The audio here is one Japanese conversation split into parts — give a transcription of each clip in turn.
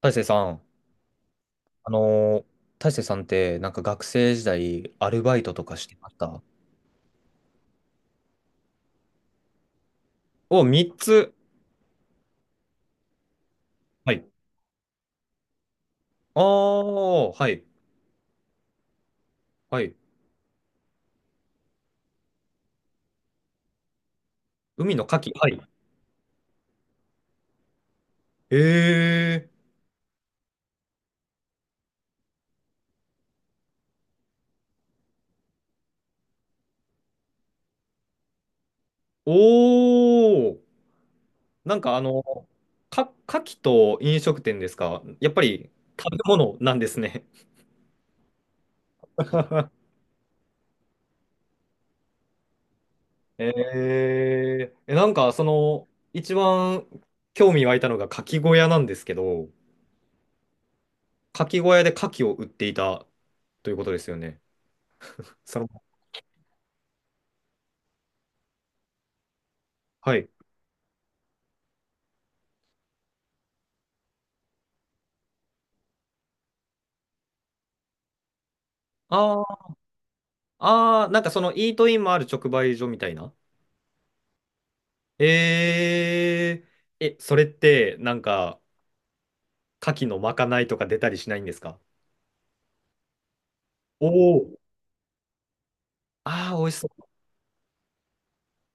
大成さん、あのー大成さんってなんか学生時代アルバイトとかしてました？お、3つ。はい。ああ、はい。はい。海の牡蠣。はい。ええ。おおー。なんか牡蠣と飲食店ですか？やっぱり食べ物なんですね。えええ、なんか一番興味湧いたのが牡蠣小屋なんですけど、牡蠣小屋で牡蠣を売っていたということですよね。そのはい。あーなんかそのイートインもある直売所みたいな。えそれってなんか牡蠣のまかないとか出たりしないんですか？おおー。ああ、美味しそう。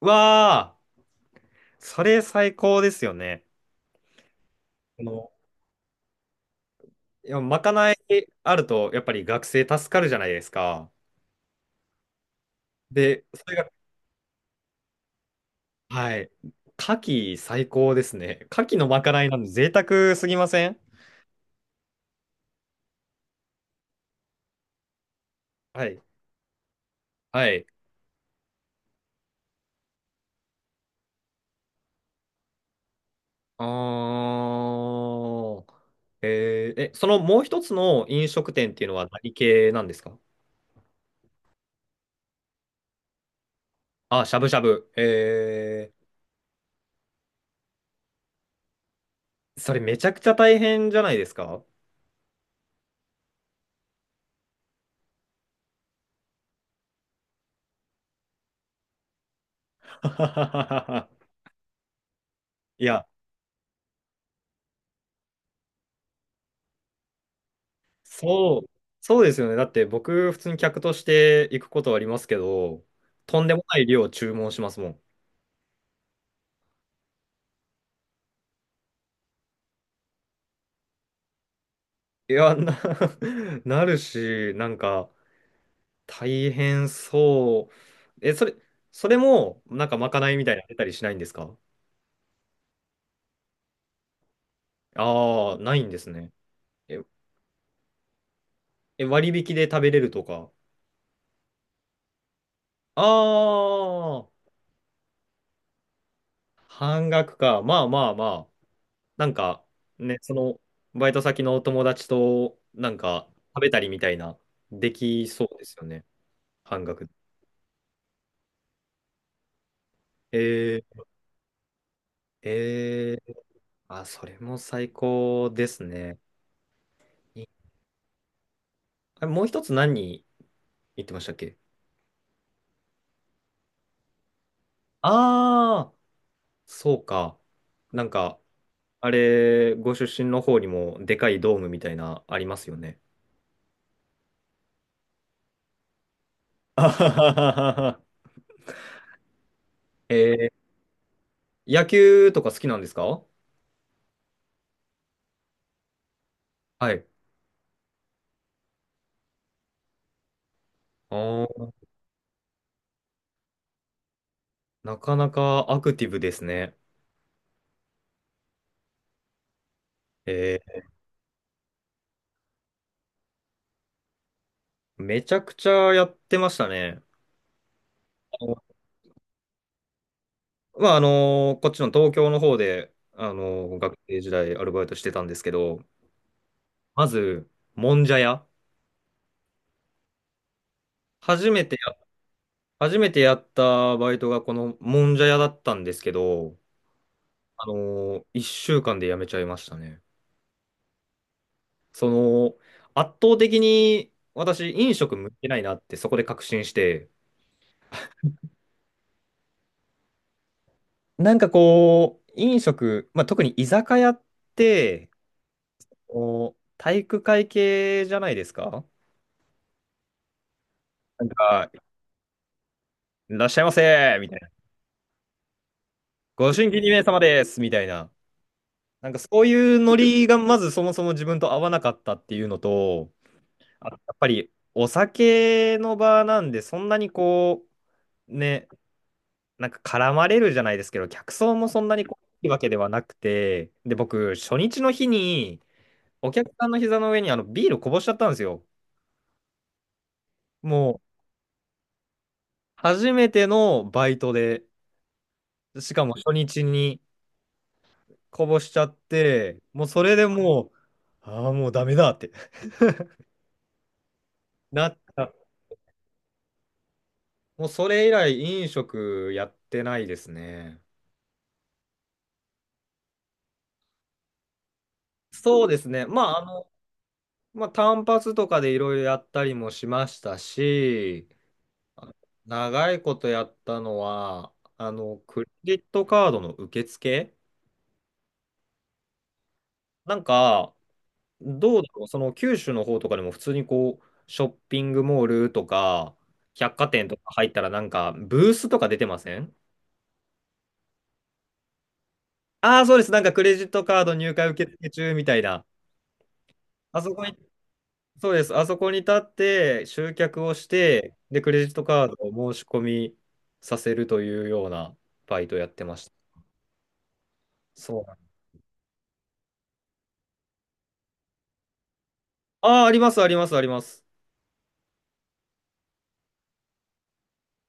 うわあ、それ最高ですよね。あの、いや、まかないあるとやっぱり学生助かるじゃないですか。で、それが、はい。牡蠣最高ですね。牡蠣のまかないなんで贅沢すぎません？はい。はい。ああ、そのもう一つの飲食店っていうのは何系なんですか？あ、しゃぶしゃぶ。それめちゃくちゃ大変じゃないですか？ いや、そう、そうですよね。だって僕、普通に客として行くことはありますけど、とんでもない量を注文しますもん。いや、なるし、なんか、大変そう。え、それ、それも、なんかまかないみたいになの出たりしないんですか？ああ、ないんですね。え、え、割引で食べれるとか。ああ、半額か。まあまあまあ。なんか、ね、その、バイト先のお友達と、なんか、食べたりみたいな、できそうですよね。半額。えー、えー、あ、それも最高ですね。いあもう一つ何言ってましたっけ？ああー、そうか。なんか、あれ、ご出身の方にも、でかいドームみたいな、ありますよね。あはははは。え野球とか好きなんですか？はい。あーなかなかアクティブですね。えめちゃくちゃやってましたね。あのまあ、こっちの東京の方で、学生時代アルバイトしてたんですけど、まず、もんじゃ屋。初めてや、初めてやったバイトがこのもんじゃ屋だったんですけど、あの一1週間で辞めちゃいましたね。その、圧倒的に私、飲食向いてないなってそこで確信して、なんかこう、飲食、まあ、特に居酒屋って、こう体育会系じゃないですか？なんか、いらっしゃいませみたいな。ご新規に名様ですみたいな。なんかそういうノリがまずそもそも自分と合わなかったっていうのと、あとやっぱりお酒の場なんで、そんなにこう、ね、なんか絡まれるじゃないですけど、客層もそんなにこういいわけではなくて、で、僕、初日の日に、お客さんの膝の上にビールこぼしちゃったんですよ。もう、初めてのバイトで、しかも初日にこぼしちゃって、もうそれでもう、ああ、もうダメだって なった。もうそれ以来、飲食やってないですね。そうですね。まあ、まあ、単発とかでいろいろやったりもしましたし、長いことやったのは、クレジットカードの受付。なんか、どうだろう、その九州の方とかでも普通にこう、ショッピングモールとか、百貨店とか入ったらなんか、ブースとか出てません？ああー、そうです。なんかクレジットカード入会受付中みたいな。あそこに、そうです。あそこに立って集客をして、で、クレジットカードを申し込みさせるというようなバイトやってました。そうなん。ああ、あります、あります、あります。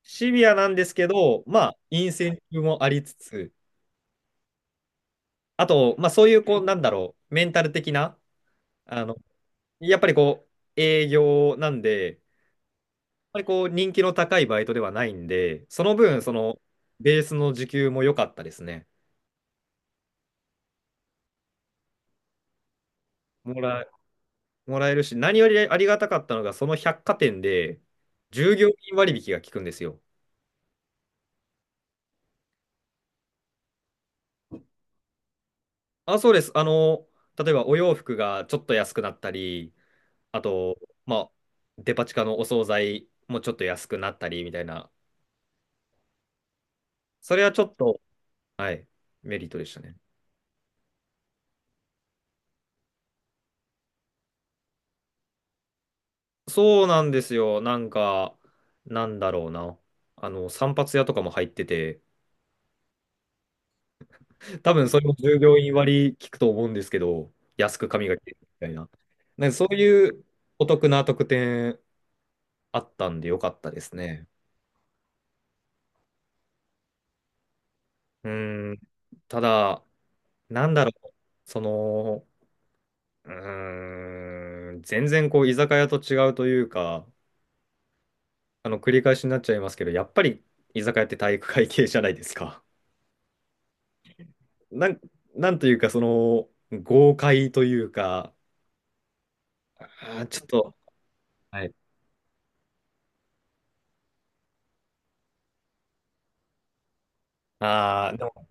シビアなんですけど、まあ、インセンティブもありつつ、あと、まあ、そういう、こう、なんだろう、メンタル的な、あの、やっぱりこう、営業なんで、やっぱりこう、人気の高いバイトではないんで、その分、ベースの時給も良かったですね。もら、もらえるし、何よりありがたかったのが、その百貨店で、従業員割引が効くんですよ。あ、そうです。例えばお洋服がちょっと安くなったり、あと、まあ、デパ地下のお惣菜もちょっと安くなったりみたいな。それはちょっと、はい、メリットでしたね。そうなんですよ。なんか、なんだろうな。散髪屋とかも入ってて、多分それも従業員割聞くと思うんですけど、安く髪が切れるみたいな。なんかそういうお得な特典あったんでよかったですね。うーん。ただ、なんだろう。その、全然こう居酒屋と違うというか、繰り返しになっちゃいますけど、やっぱり居酒屋って体育会系じゃないですか。なん、なんというか、その豪快というか、ちょっと、はい。でも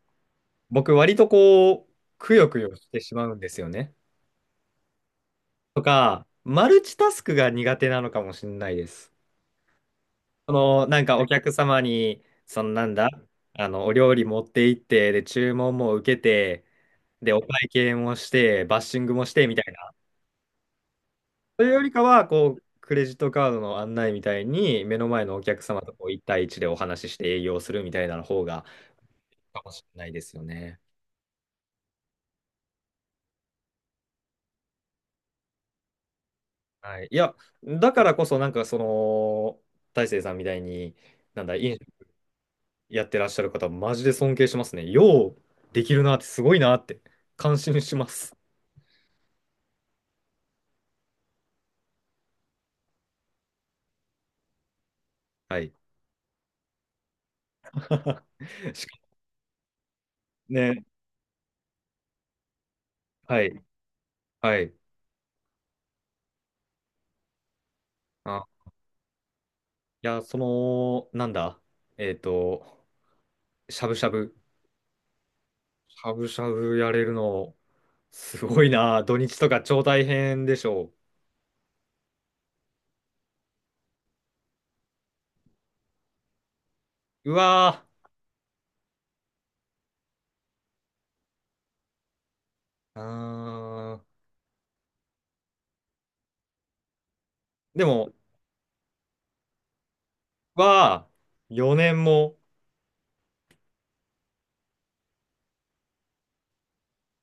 僕、割とこう、くよくよしてしまうんですよね。とか、マルチタスクが苦手なのかもしれないです。その、なんかお客様に、そのなんだ、お料理持って行って、で、注文も受けて、で、お会計もして、バッシングもしてみたいな。というよりかは、こう、クレジットカードの案内みたいに、目の前のお客様とこう1対一でお話しして営業するみたいな方が、かもしれないですよね。はい。いや、だからこそ、なんかその、大成さんみたいに、なんだ、飲食やってらっしゃる方、マジで尊敬しますね。できるなって、すごいなって、感心します。はい。しかもね、はい、はい。あ、いや、その、なんだ、えっと、しゃぶしゃぶ。しゃぶしゃぶやれるの、すごいな。土日とか超大変でしょう。うわー。でも、わー、4年も。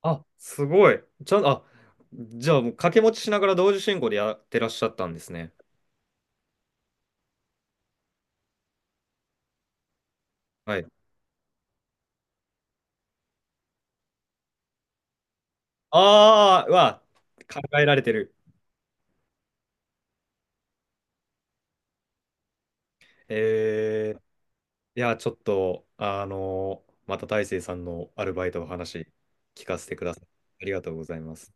あ、すごい。ちゃん、あ、じゃあもう掛け持ちしながら同時進行でやってらっしゃったんですね。はい。あー、わー、考えられてる。えー、いや、ちょっと、また大成さんのアルバイトの話聞かせてください。ありがとうございます。